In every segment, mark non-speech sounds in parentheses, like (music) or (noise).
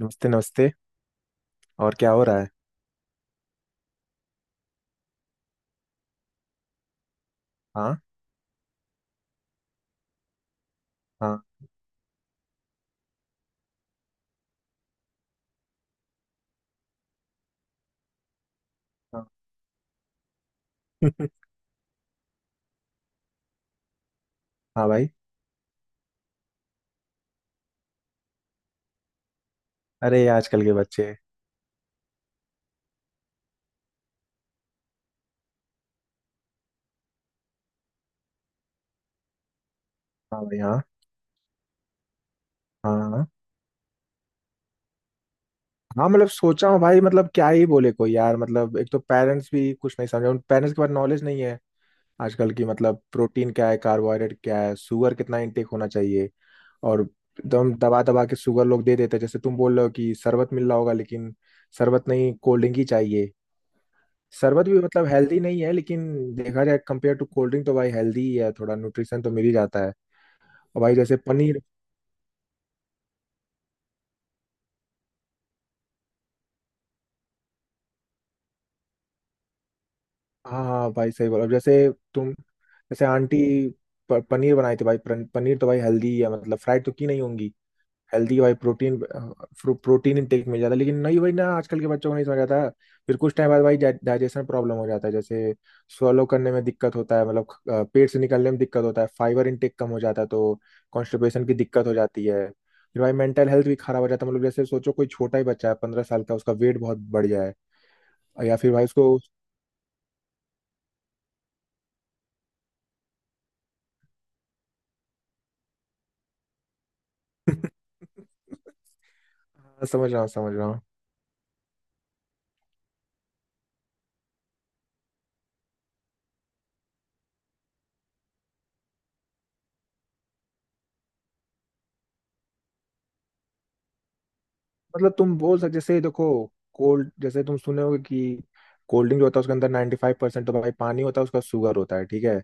नमस्ते नमस्ते। और क्या हो रहा है? हाँ। हाँ। हाँ। (laughs) हाँ भाई। अरे ये आजकल के बच्चे। हाँ भाई। हाँ हाँ। हाँ। हाँ, मतलब सोचा हूँ भाई। मतलब क्या ही बोले कोई यार। मतलब एक तो पेरेंट्स भी कुछ नहीं समझे, उन पेरेंट्स के पास नॉलेज नहीं है। आजकल की मतलब प्रोटीन क्या है, कार्बोहाइड्रेट क्या है, शुगर कितना इनटेक होना चाहिए। और एकदम दबा दबा के शुगर लोग दे देते हैं। जैसे तुम बोल रहे हो कि शरबत मिल रहा होगा, लेकिन शरबत नहीं, कोल्ड ड्रिंक ही चाहिए। शरबत भी मतलब हेल्दी नहीं है, लेकिन देखा जाए कंपेयर टू कोल्ड ड्रिंक तो भाई हेल्दी ही है, थोड़ा न्यूट्रिशन तो मिल ही जाता है। और भाई जैसे पनीर। हाँ हाँ भाई, सही बोला। अब जैसे तुम जैसे आंटी पनीर बनाई थी भाई। पनीर तो भाई हेल्दी है, मतलब फ्राइड तो की नहीं होंगी। हेल्दी भाई, प्रोटीन। प्रोटीन इंटेक मिल जाता है, लेकिन नहीं भाई, ना आजकल के बच्चों को नहीं समझ आता। फिर कुछ टाइम बाद भाई डाइजेशन प्रॉब्लम हो जाता है। जैसे स्वलो करने में दिक्कत होता है, मतलब पेट से निकलने में दिक्कत होता है, फाइबर इंटेक कम हो जाता है, तो कॉन्स्टिपेशन की दिक्कत हो जाती है। फिर भाई मेंटल हेल्थ भी खराब हो जाता है। मतलब जैसे सोचो कोई छोटा ही बच्चा है 15 साल का, उसका वेट बहुत बढ़ जाए या फिर भाई उसको। (laughs) हाँ, समझ रहा हूँ समझ रहा हूँ। मतलब तुम बोल सकते, जैसे देखो कोल्ड, जैसे तुम सुने होगे कि कोल्ड ड्रिंक जो होता है उसके अंदर 95% फाइव परसेंट तो भाई पानी होता है, उसका शुगर होता है, ठीक है।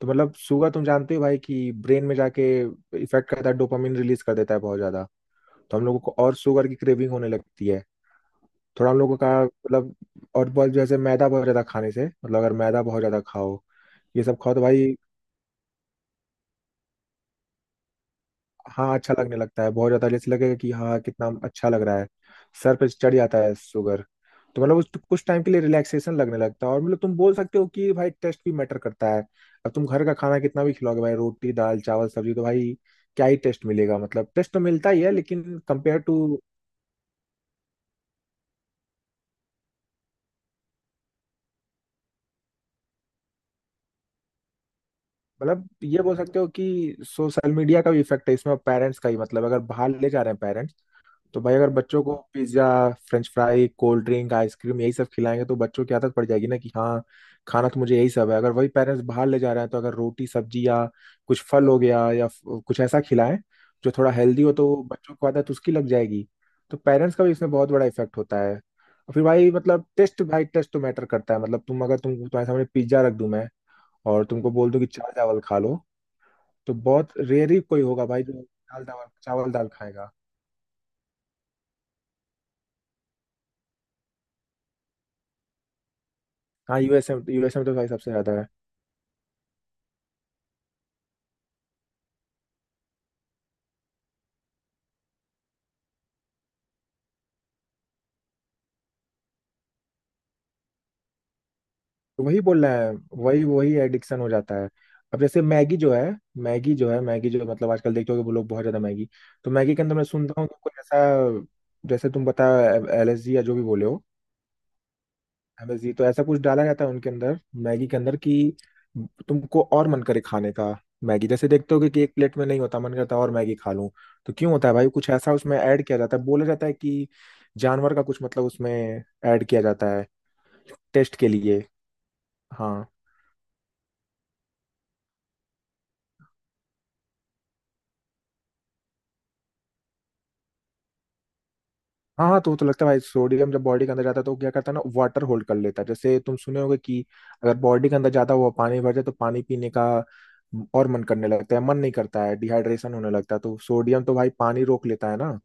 तो मतलब शुगर तुम जानते हो भाई कि ब्रेन में जाके इफेक्ट करता है, डोपामिन रिलीज कर देता है बहुत ज्यादा। तो हम लोगों को और शुगर की क्रेविंग होने लगती है। थोड़ा हम लोगों का मतलब, और बहुत, जैसे मैदा बहुत ज्यादा खाने से, मतलब अगर मैदा बहुत ज्यादा खाओ ये सब खाओ तो भाई, हाँ, अच्छा लगने लगता है बहुत ज्यादा। जैसे लगेगा कि हाँ कितना अच्छा लग रहा है। सर पे चढ़ जाता है शुगर। तो मतलब उस कुछ टाइम के लिए रिलैक्सेशन लगने लगता है। और मतलब तुम बोल सकते हो कि भाई टेस्ट भी मैटर करता है। अब तुम घर का खाना कितना भी खिलाओगे भाई, रोटी दाल चावल सब्जी, तो भाई क्या ही टेस्ट मिलेगा। मतलब टेस्ट तो मिलता ही है, लेकिन कंपेयर टू। मतलब ये बोल सकते हो कि सोशल मीडिया का भी इफेक्ट है इसमें, पेरेंट्स का ही, मतलब अगर बाहर ले जा रहे हैं पेरेंट्स, तो भाई अगर बच्चों को pizza french fry cold drink ice cream यही सब खिलाएंगे, तो बच्चों की आदत पड़ जाएगी ना कि हाँ खाना तो मुझे यही सब है। अगर वही पेरेंट्स बाहर ले जा रहे हैं, तो अगर रोटी सब्जी या कुछ फल हो गया या कुछ ऐसा खिलाएं जो थोड़ा हेल्दी हो, तो बच्चों को आदत उसकी लग जाएगी। तो पेरेंट्स का भी इसमें बहुत बड़ा इफेक्ट होता है। और फिर भाई मतलब टेस्ट, भाई टेस्ट तो मैटर करता है। मतलब तुम, अगर तुम्हारे सामने पिज्जा रख दूं मैं और तुमको बोल दूं कि चावल चावल खा लो, तो बहुत रेयर ही कोई होगा भाई जो दाल चावल चावल दाल खाएगा। हाँ USA यूएसए में तो भाई सबसे ज्यादा है। तो वही बोल रहा है। वही वही एडिक्शन हो जाता है। अब जैसे मैगी जो है मैगी जो मतलब आजकल देखते हो कि वो लोग बहुत ज्यादा मैगी। तो मैगी के अंदर मैं सुनता हूँ कि कोई ऐसा, जैसे तुम बता LSG या जो भी बोले हो, MSG। तो ऐसा कुछ डाला जाता है उनके अंदर मैगी के अंदर कि तुमको और मन करे खाने का। मैगी जैसे देखते हो कि एक प्लेट में नहीं होता, मन करता है और मैगी खा लूं। तो क्यों होता है भाई? कुछ ऐसा उसमें ऐड किया जाता है, बोला जाता है कि जानवर का कुछ मतलब उसमें ऐड किया जाता है टेस्ट के लिए। हाँ हाँ हाँ। तो वो तो लगता है भाई, सोडियम जब बॉडी के अंदर जाता है तो वो क्या करता है ना, वाटर होल्ड कर लेता है। जैसे तुम सुने होगे कि अगर बॉडी के अंदर ज्यादा हुआ, पानी भर जाए, तो पानी पीने का और मन करने लगता है, मन नहीं करता है, डिहाइड्रेशन होने लगता है। तो सोडियम तो भाई पानी रोक लेता है ना,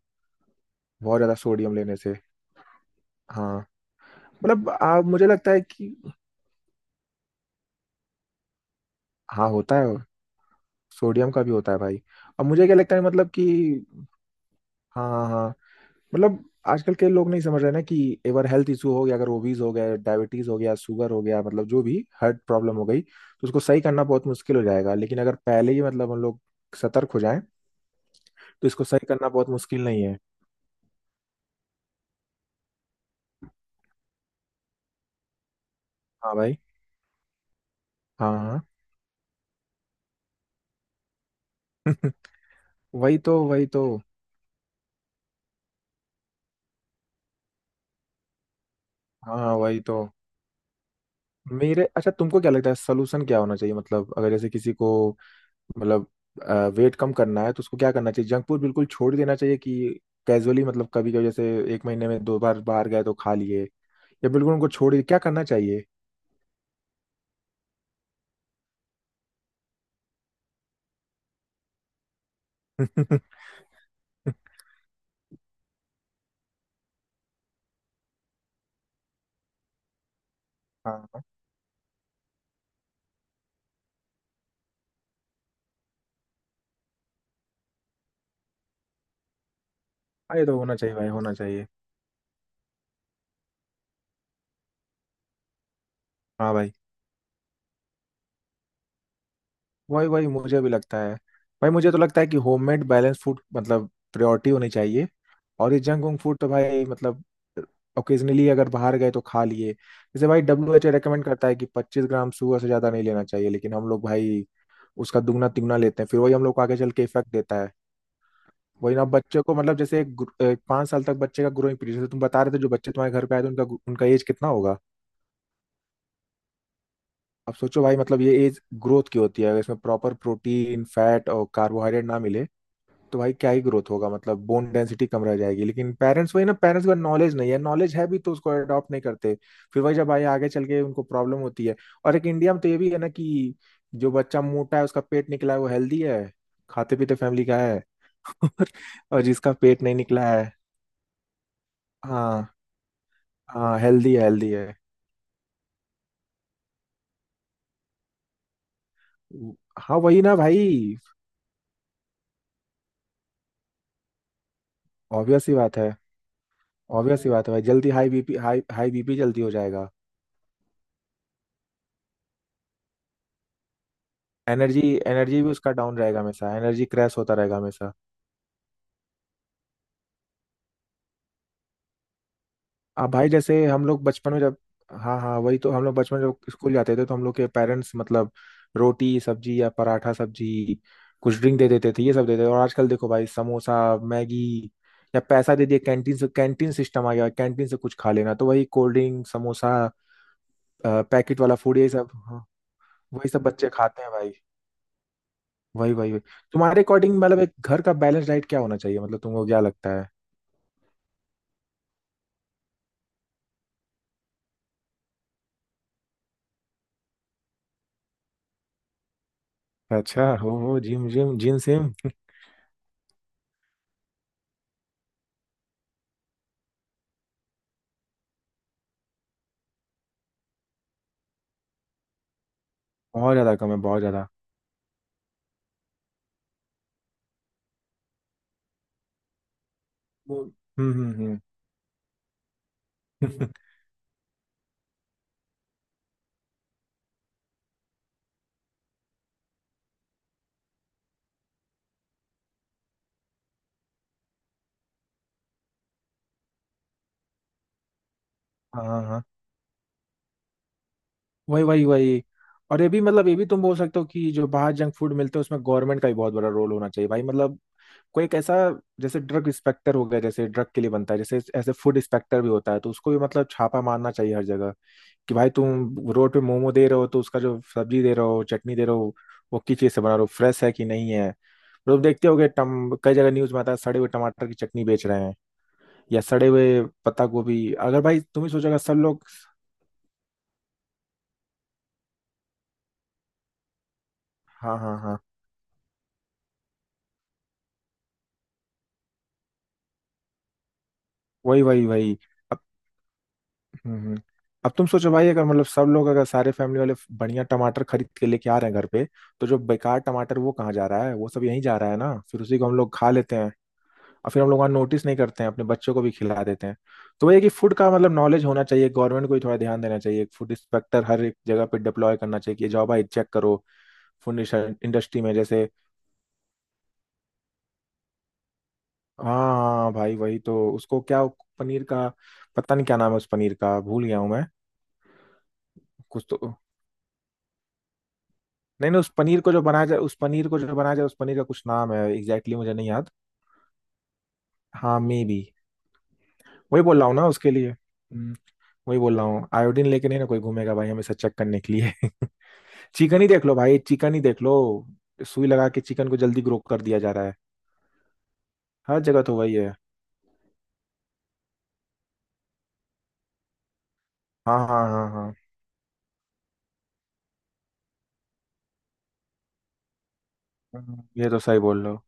बहुत ज्यादा सोडियम लेने से। हाँ, मतलब मुझे लगता है कि हाँ होता है, सोडियम का भी होता है भाई। और मुझे क्या लगता है, मतलब कि हाँ हाँ हाँ। मतलब आजकल के लोग नहीं समझ रहे ना कि अगर हेल्थ इशू हो गया, अगर ओबीज हो गया, डायबिटीज हो गया, शुगर हो गया, मतलब जो भी हार्ट प्रॉब्लम हो गई, तो उसको सही करना बहुत मुश्किल हो जाएगा। लेकिन अगर पहले ही, मतलब हम लोग सतर्क हो जाएं, तो इसको सही करना बहुत मुश्किल नहीं है। हाँ भाई। हाँ हाँ। (laughs) वही तो, वही तो। हाँ हाँ वही तो। मेरे अच्छा, तुमको क्या लगता है सोल्यूशन क्या होना चाहिए? मतलब अगर जैसे किसी को, मतलब वेट कम करना है, तो उसको क्या करना चाहिए? जंक फूड बिल्कुल छोड़ देना चाहिए कि कैजुअली, मतलब कभी कभी, जैसे 1 महीने में 2 बार बाहर गए तो खा लिए, या बिल्कुल उनको छोड़ दिया, क्या करना चाहिए? (laughs) हाँ हाँ, ये तो होना चाहिए भाई, होना चाहिए। हाँ भाई। वही वही मुझे भी लगता है। भाई मुझे तो लगता है कि होममेड बैलेंस फूड मतलब प्रायोरिटी होनी चाहिए। और ये जंक वंक फूड तो भाई मतलब ओकेजनली अगर बाहर गए तो खा लिए। जैसे भाई WHO रिकमेंड करता है कि 25 ग्राम सुगर से ज़्यादा नहीं लेना चाहिए, लेकिन हम लोग भाई उसका दुगना तिगुना लेते हैं, फिर वही हम लोग को आगे चल के इफेक्ट देता है। वही ना बच्चे को मतलब, जैसे एक 5 साल तक बच्चे का ग्रोइंग पीरियड। जैसे तुम बता रहे थे जो बच्चे तुम्हारे घर पे आए थे उनका, उनका एज कितना होगा? अब सोचो भाई, मतलब ये एज ग्रोथ की होती है। अगर इसमें प्रॉपर प्रोटीन फैट और कार्बोहाइड्रेट ना मिले, तो भाई क्या ही ग्रोथ होगा? मतलब बोन डेंसिटी कम रह जाएगी। लेकिन पेरेंट्स, वही ना, पेरेंट्स का नॉलेज नहीं है, नॉलेज है भी तो उसको अडॉप्ट नहीं करते। फिर वही, जब आए आगे चल के उनको प्रॉब्लम होती है। और एक इंडिया में तो ये भी है ना कि जो बच्चा मोटा है, उसका पेट निकला है, वो हेल्दी है, खाते पीते फैमिली का है। (laughs) और, और जिसका पेट नहीं निकला है। हाँ हाँ, हेल्दी है हेल्दी है। हाँ वही ना भाई। ऑब्वियस ही बात है। ऑब्वियस ही बात है भाई, जल्दी high BP, high high BP जल्दी हो जाएगा। एनर्जी, एनर्जी भी उसका डाउन रहेगा हमेशा, एनर्जी क्रैश होता रहेगा हमेशा। अब भाई जैसे हम लोग बचपन में जब, हाँ हाँ वही तो, हम लोग बचपन में जब स्कूल जाते थे, तो हम लोग के पेरेंट्स मतलब रोटी सब्जी या पराठा सब्जी कुछ ड्रिंक दे देते थे, ये सब देते थे। और आजकल देखो भाई, समोसा मैगी, या पैसा दे दिया कैंटीन से, कैंटीन सिस्टम आ गया, कैंटीन से कुछ खा लेना, तो वही कोल्ड ड्रिंक समोसा पैकेट वाला फूड, ये सब, हाँ। वही सब बच्चे खाते हैं भाई। वही वही वही। तुम्हारे अकॉर्डिंग मतलब एक घर का बैलेंस डाइट क्या होना चाहिए, मतलब तुमको क्या लगता है? अच्छा हो जिम जिम जिम सिम। बहुत ज्यादा कम है, बहुत ज्यादा। वो। हम्म। (laughs) हाँ हाँ हाँ। वही वही वही। और ये भी मतलब, ये भी तुम बोल सकते हो कि जो बाहर जंक फूड मिलते हैं उसमें गवर्नमेंट का भी बहुत बड़ा रोल होना चाहिए भाई। मतलब कोई एक ऐसा, जैसे ड्रग इंस्पेक्टर हो गया, जैसे ड्रग के लिए बनता है, जैसे ऐसे फूड इंस्पेक्टर भी होता है, तो उसको भी मतलब छापा मारना चाहिए हर जगह कि भाई तुम रोड पे मोमो दे रहे हो तो उसका जो सब्जी दे रहे हो चटनी दे रहे हो, वो किस चीज़ से बना रहे हो, फ्रेश है कि नहीं है। लोग देखते होगे, टम कई जगह न्यूज में आता है सड़े हुए टमाटर की चटनी बेच रहे हैं, या सड़े हुए पत्ता गोभी। अगर भाई तुम ही सोचोगा सब लोग, हाँ हाँ हाँ, वही वही वही। अब। हम्म हम्म। अब तुम सोचो भाई, अगर मतलब सब लोग, अगर सारे फैमिली वाले बढ़िया टमाटर खरीद के लेके आ रहे हैं घर पे, तो जो बेकार टमाटर वो कहाँ जा रहा है? वो सब यहीं जा रहा है ना, फिर उसी को हम लोग खा लेते हैं। और फिर हम लोग वहाँ नोटिस नहीं करते हैं, अपने बच्चों को भी खिला देते हैं। तो वही है कि फूड का मतलब नॉलेज होना चाहिए, गवर्नमेंट को भी थोड़ा ध्यान देना चाहिए, फूड इंस्पेक्टर हर एक जगह पे डिप्लॉय करना चाहिए कि जाओ भाई चेक करो फूड इंडस्ट्री में। जैसे हाँ हाँ हाँ, भाई वही तो उसको क्या, पनीर का, पता नहीं क्या नाम है उस पनीर का, भूल गया हूँ मैं। कुछ तो, नहीं नहीं, उस पनीर को जो बनाया जाए, उस पनीर को जो बनाया जाए, उस पनीर का कुछ नाम है एग्जैक्टली। exactly, मुझे नहीं याद। हाँ मे बी। वही बोल रहा हूँ ना उसके लिए। वही बोल रहा हूँ, आयोडीन लेके नहीं ना कोई घूमेगा भाई हमेशा चेक करने के लिए। (laughs) चिकन ही देख लो भाई, चिकन ही देख लो, सुई लगा के चिकन को जल्दी ग्रो कर दिया जा रहा है। हर जगह तो वही है। हाँ हाँ हाँ हाँ। ये तो सही बोल रहे हो।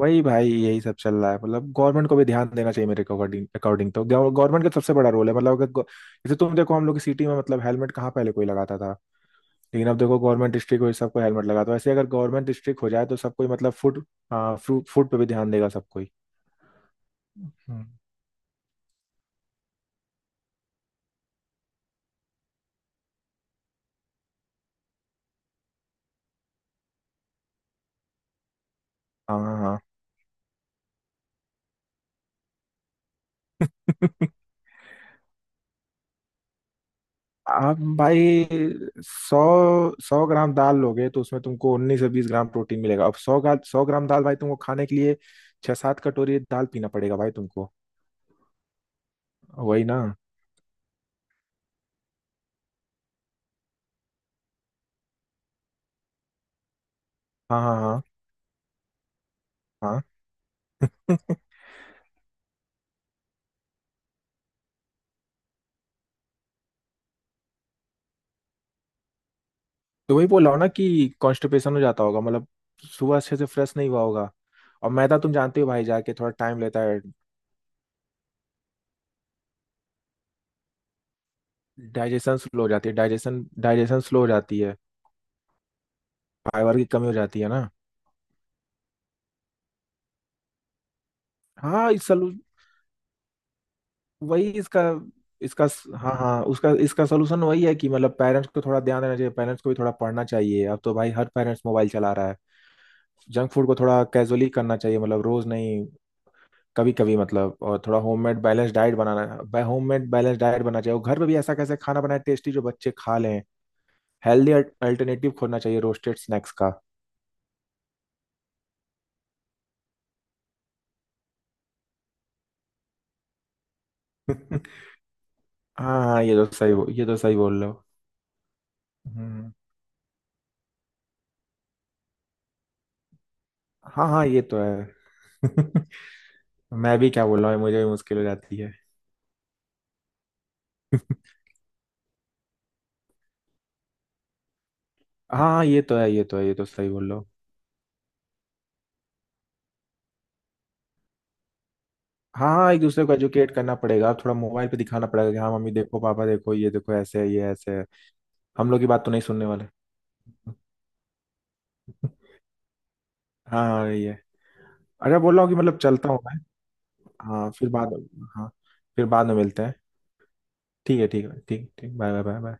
वही भाई यही सब चल रहा है। मतलब गवर्नमेंट को भी ध्यान देना चाहिए मेरे अकॉर्डिंग। अकॉर्डिंग तो गवर्नमेंट का सबसे बड़ा रोल है। मतलब अगर गो-, जैसे तुम देखो हम लोग की सिटी में, मतलब हेलमेट कहाँ पहले कोई लगाता था, लेकिन अब देखो गवर्नमेंट डिस्ट्रिक्ट हुई, सबको हेलमेट लगा। तो ऐसे अगर गवर्नमेंट डिस्ट्रिक्ट हो जाए तो सब कोई, मतलब फूड, हाँ फ्रूट फूड पे भी ध्यान देगा सब कोई। हम्म। हाँ हाँ। (laughs) हाँ। आप भाई सौ सौ ग्राम दाल लोगे तो उसमें तुमको 19 से 20 ग्राम प्रोटीन मिलेगा। अब 100 ग्राम दाल भाई, तुमको खाने के लिए 6-7 कटोरी दाल पीना पड़ेगा भाई तुमको। वही ना। हाँ हाँ हाँ हाँ। (laughs) तो वही बोल रहा हूँ ना कि कॉन्स्टिपेशन हो जाता होगा, मतलब सुबह अच्छे से फ्रेश नहीं हुआ होगा। और मैदा तुम जानते हो भाई, जाके थोड़ा टाइम लेता है। डाइजेशन स्लो हो जाती है, डाइजेशन डाइजेशन स्लो हो जाती है, फाइबर की कमी हो जाती है ना। हाँ इस सलू, वही इसका इसका हाँ हाँ, उसका इसका सोल्यूशन वही है कि मतलब पेरेंट्स को थोड़ा ध्यान देना चाहिए, पेरेंट्स को भी थोड़ा पढ़ना चाहिए। अब तो भाई हर पेरेंट्स मोबाइल चला रहा है। जंक फूड को थोड़ा कैजुअली करना चाहिए, मतलब रोज नहीं, कभी कभी मतलब, और थोड़ा होममेड बैलेंस डाइट बनाना, होममेड बैलेंस डाइट बनाना चाहिए। और घर पे भी ऐसा कैसे खाना बनाए टेस्टी जो बच्चे खा लें। हेल्दी अल्टरनेटिव खोजना चाहिए रोस्टेड स्नैक्स का। (laughs) हाँ ये तो सही बोल रहे हो। हम्म, हाँ हाँ ये तो है। (laughs) मैं भी क्या बोल रहा हूँ, मुझे भी मुश्किल हो जाती है। (laughs) हाँ ये तो है, ये तो है, ये तो सही बोल रहे हो। हाँ हाँ, एक दूसरे को एजुकेट करना पड़ेगा, थोड़ा मोबाइल पे दिखाना पड़ेगा कि हाँ मम्मी देखो, पापा देखो, ये देखो ऐसे है, ये ऐसे है। हम लोग की बात तो नहीं सुनने वाले। हाँ हाँ ये, अरे बोल रहा हूँ कि मतलब चलता हूँ मैं। हाँ फिर बाद, हाँ, फिर बाद में मिलते हैं। ठीक है ठीक है, ठीक ठीक, बाय बाय बाय बाय।